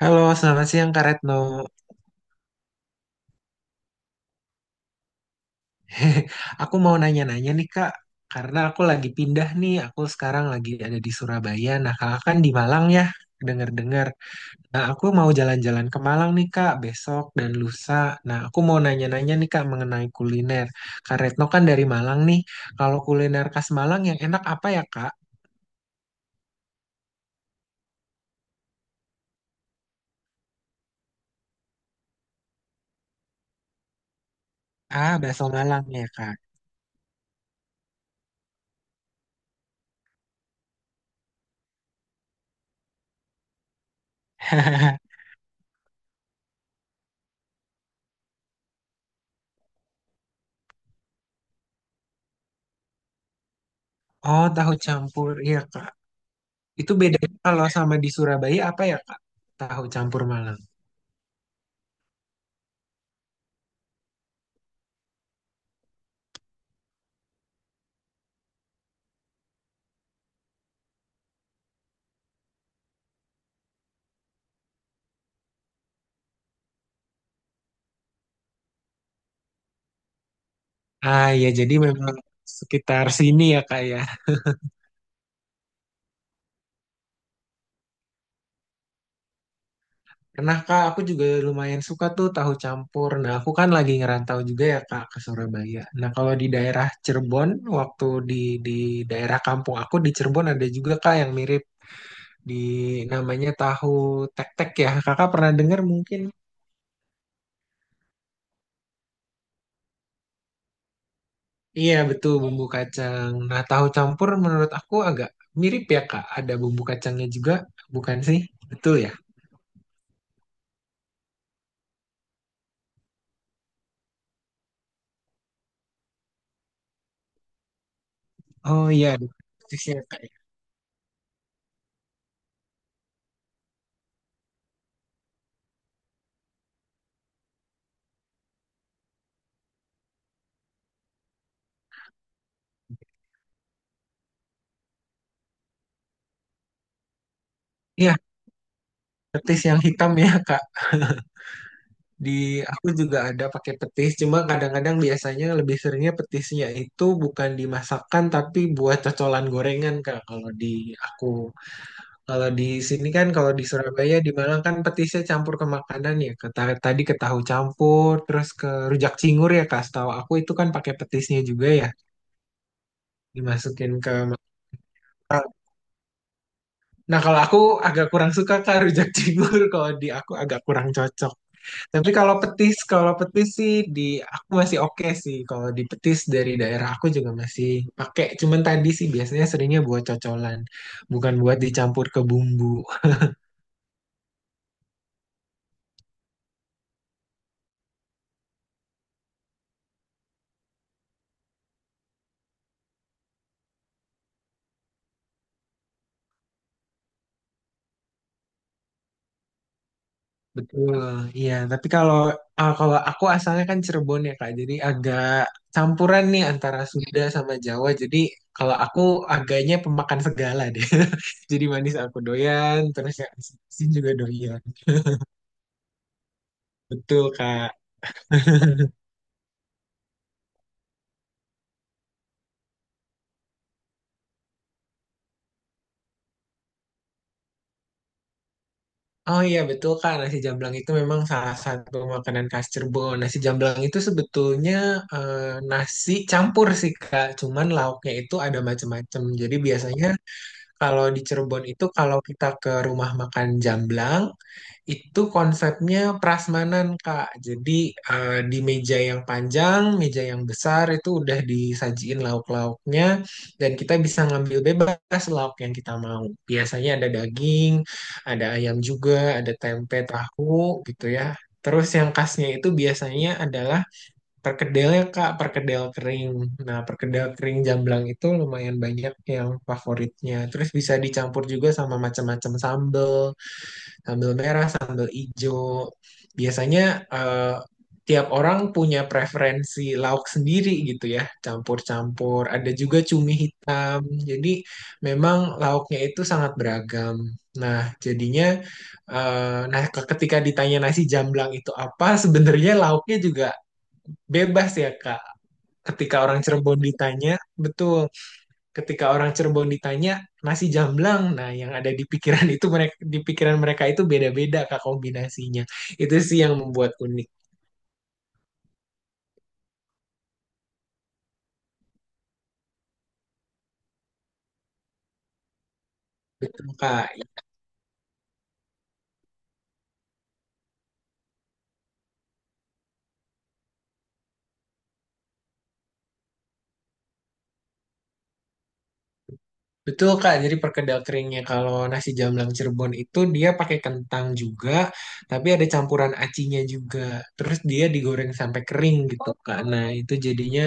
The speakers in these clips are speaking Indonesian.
Halo, selamat siang Kak Retno. Aku mau nanya-nanya nih Kak, karena aku lagi pindah nih, aku sekarang lagi ada di Surabaya. Nah, Kakak kan di Malang ya, dengar-dengar. Nah, aku mau jalan-jalan ke Malang nih Kak, besok dan lusa. Nah, aku mau nanya-nanya nih Kak mengenai kuliner. Kak Retno kan dari Malang nih, kalau kuliner khas Malang yang enak apa ya Kak? Ah, bakso Malang ya Kak. Oh, tahu campur, iya Kak. Itu bedanya kalau sama di Surabaya apa ya Kak? Tahu campur Malang. Ah ya jadi memang sekitar sini ya kak ya. Karena kak aku juga lumayan suka tuh tahu campur. Nah aku kan lagi ngerantau juga ya kak ke Surabaya. Nah kalau di daerah Cirebon waktu di daerah kampung aku di Cirebon ada juga kak yang mirip di namanya tahu tek-tek ya. Kakak pernah dengar mungkin? Iya betul bumbu kacang. Nah tahu campur menurut aku agak mirip ya kak. Ada bumbu kacangnya juga bukan sih? Betul ya? Oh iya, ada sisnya, Kak. Iya, petis yang hitam ya, Kak. Di aku juga ada pakai petis, cuma kadang-kadang biasanya lebih seringnya petisnya itu bukan dimasakkan tapi buat cocolan gorengan, Kak. Kalau di aku, kalau di sini kan kalau di Surabaya di Malang kan petisnya campur ke makanan ya. Ke, tadi ke tahu campur, terus ke rujak cingur ya, Kak. Setahu aku itu kan pakai petisnya juga ya, dimasukin ke makanan. Nah, kalau aku agak kurang suka Kak rujak cingur, kalau di aku agak kurang cocok. Tapi kalau petis sih di aku masih oke sih. Kalau di petis dari daerah aku juga masih pakai. Cuman tadi sih biasanya seringnya buat cocolan, bukan buat dicampur ke bumbu. Betul. Iya, tapi kalau kalau aku asalnya kan Cirebon ya Kak. Jadi agak campuran nih antara Sunda sama Jawa. Jadi kalau aku agaknya pemakan segala deh. Jadi manis aku doyan, terus yang asin juga doyan. Betul, Kak. Oh iya betul Kak, nasi jamblang itu memang salah satu makanan khas Cirebon. Nasi jamblang itu sebetulnya eh, nasi campur sih Kak, cuman lauknya itu ada macam-macam. Jadi biasanya kalau di Cirebon itu kalau kita ke rumah makan jamblang, itu konsepnya prasmanan, Kak. Jadi di meja yang panjang, meja yang besar itu udah disajiin lauk-lauknya dan kita bisa ngambil bebas lauk yang kita mau. Biasanya ada daging, ada ayam juga, ada tempe, tahu gitu ya. Terus yang khasnya itu biasanya adalah perkedelnya, Kak, perkedel kering. Nah, perkedel kering jamblang itu lumayan banyak yang favoritnya. Terus bisa dicampur juga sama macam-macam sambel, sambal merah, sambal hijau. Biasanya eh, tiap orang punya preferensi lauk sendiri gitu ya, campur-campur. Ada juga cumi hitam. Jadi memang lauknya itu sangat beragam. Nah, jadinya eh, nah ketika ditanya nasi jamblang itu apa, sebenarnya lauknya juga bebas ya, Kak. Ketika orang Cirebon ditanya, betul, ketika orang Cirebon ditanya nasi jamblang, nah yang ada di pikiran itu mereka, di pikiran mereka itu beda-beda Kak kombinasinya. Itu sih yang membuat unik. Betul Kak. Betul Kak. Jadi perkedel keringnya kalau nasi jamblang Cirebon itu dia pakai kentang juga, tapi ada campuran acinya juga. Terus dia digoreng sampai kering gitu Kak. Nah, itu jadinya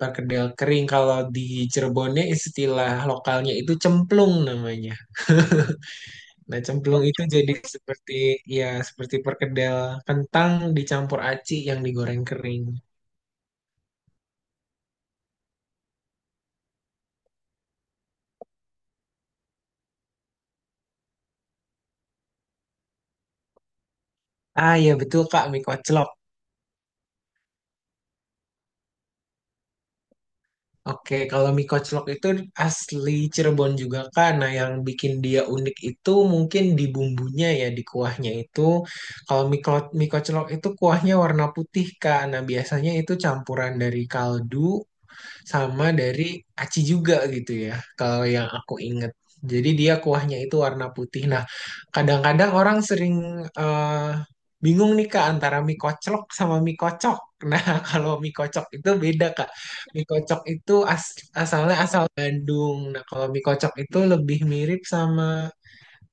perkedel kering kalau di Cirebonnya istilah lokalnya itu cemplung namanya. Nah, cemplung itu jadi seperti ya seperti perkedel kentang dicampur aci yang digoreng kering. Ah ya betul Kak, mie koclok. Oke, kalau mie koclok itu asli Cirebon juga Kak. Nah, yang bikin dia unik itu mungkin di bumbunya ya, di kuahnya itu. Kalau mie, mie koclok itu kuahnya warna putih Kak. Nah, biasanya itu campuran dari kaldu, sama dari aci juga gitu ya kalau yang aku inget, jadi dia kuahnya itu warna putih. Nah, kadang-kadang orang sering eh, bingung nih kak antara mie koclok sama mie kocok. Nah, kalau mie kocok itu beda kak, mie kocok itu asalnya asal Bandung. Nah, kalau mie kocok itu lebih mirip sama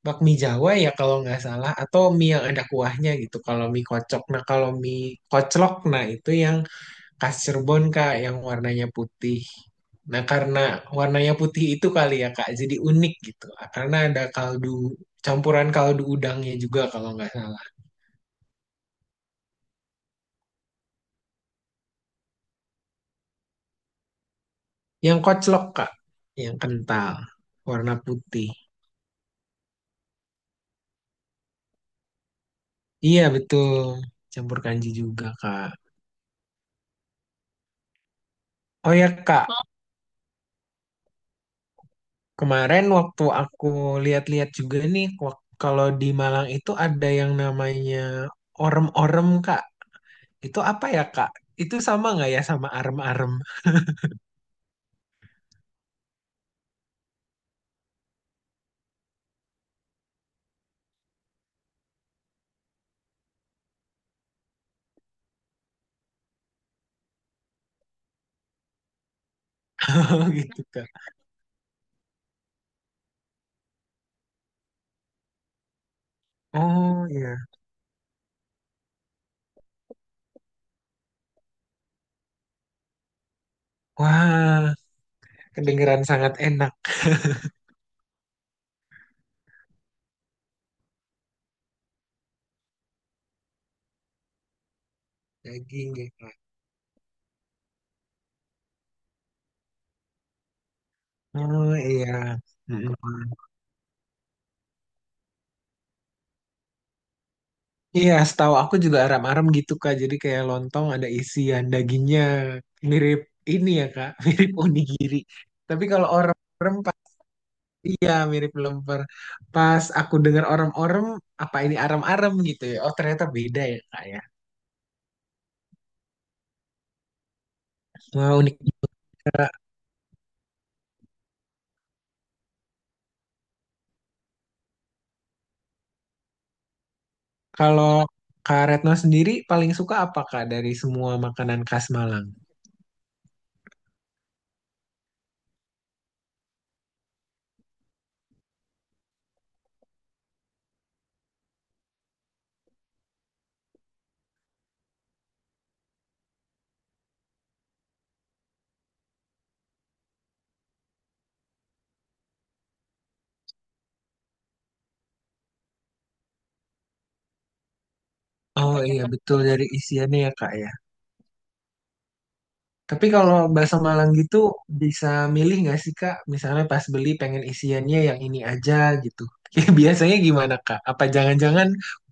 bakmi Jawa ya kalau nggak salah, atau mie yang ada kuahnya gitu kalau mie kocok. Nah, kalau mie koclok, nah itu yang khas Cirebon Kak yang warnanya putih. Nah, karena warnanya putih itu kali ya Kak, jadi unik gitu. Karena ada kaldu, campuran kaldu udangnya juga kalau nggak salah. Yang koclok Kak, yang kental, warna putih. Iya betul, campur kanji juga Kak. Oh ya Kak, kemarin waktu aku lihat-lihat juga nih, kalau di Malang itu ada yang namanya orem-orem Kak. Itu apa ya Kak? Itu sama nggak ya sama arem-arem gitu Kak? Oh iya. Wah, kedengeran sangat enak. Daging ya, Kak. Oh iya. Mm-mm. Iya, setahu aku juga aram-aram gitu Kak. Jadi kayak lontong ada isian dagingnya mirip ini ya Kak, mirip onigiri. Tapi kalau orem-orem iya mirip lemper. Pas aku dengar orem-orem, apa ini aram-aram gitu ya? Oh, ternyata beda ya Kak ya. Wah, unik. Kalau Kak Retno sendiri paling suka apa Kak dari semua makanan khas Malang? Oh iya betul dari isiannya ya kak ya. Tapi kalau bahasa Malang gitu bisa milih nggak sih kak? Misalnya pas beli pengen isiannya yang ini aja gitu. Ya, biasanya gimana kak? Apa jangan-jangan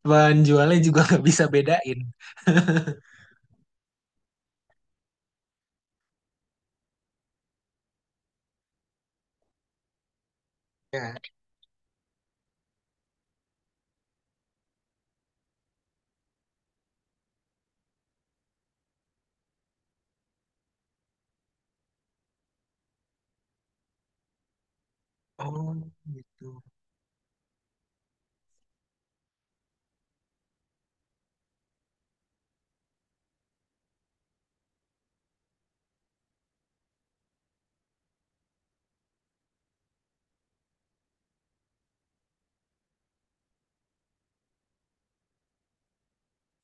penjualnya juga nggak bisa bedain? Ya. Oh gitu.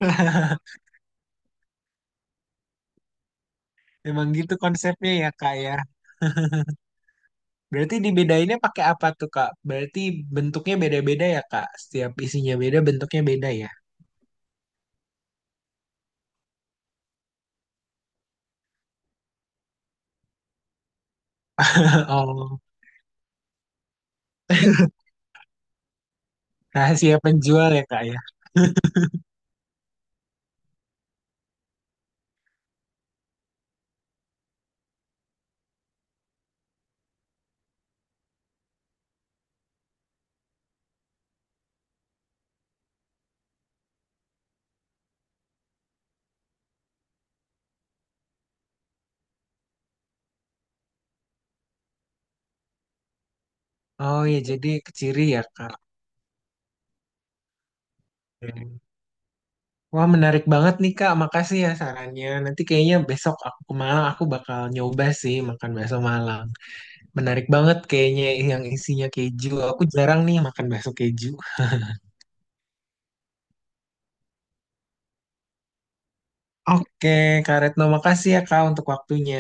Emang gitu konsepnya ya kak ya. Berarti dibedainnya pakai apa tuh kak? Berarti bentuknya beda-beda ya kak? Setiap isinya beda, bentuknya beda ya? Oh, rahasia penjual ya kak ya? Oh ya, jadi ke ciri ya, Kak. Hmm. Wah, menarik banget nih, Kak. Makasih ya sarannya. Nanti kayaknya besok aku ke Malang, aku bakal nyoba sih makan bakso Malang. Menarik banget kayaknya yang isinya keju. Aku jarang nih makan bakso keju. Oke, Kak Retno, makasih ya, Kak, untuk waktunya.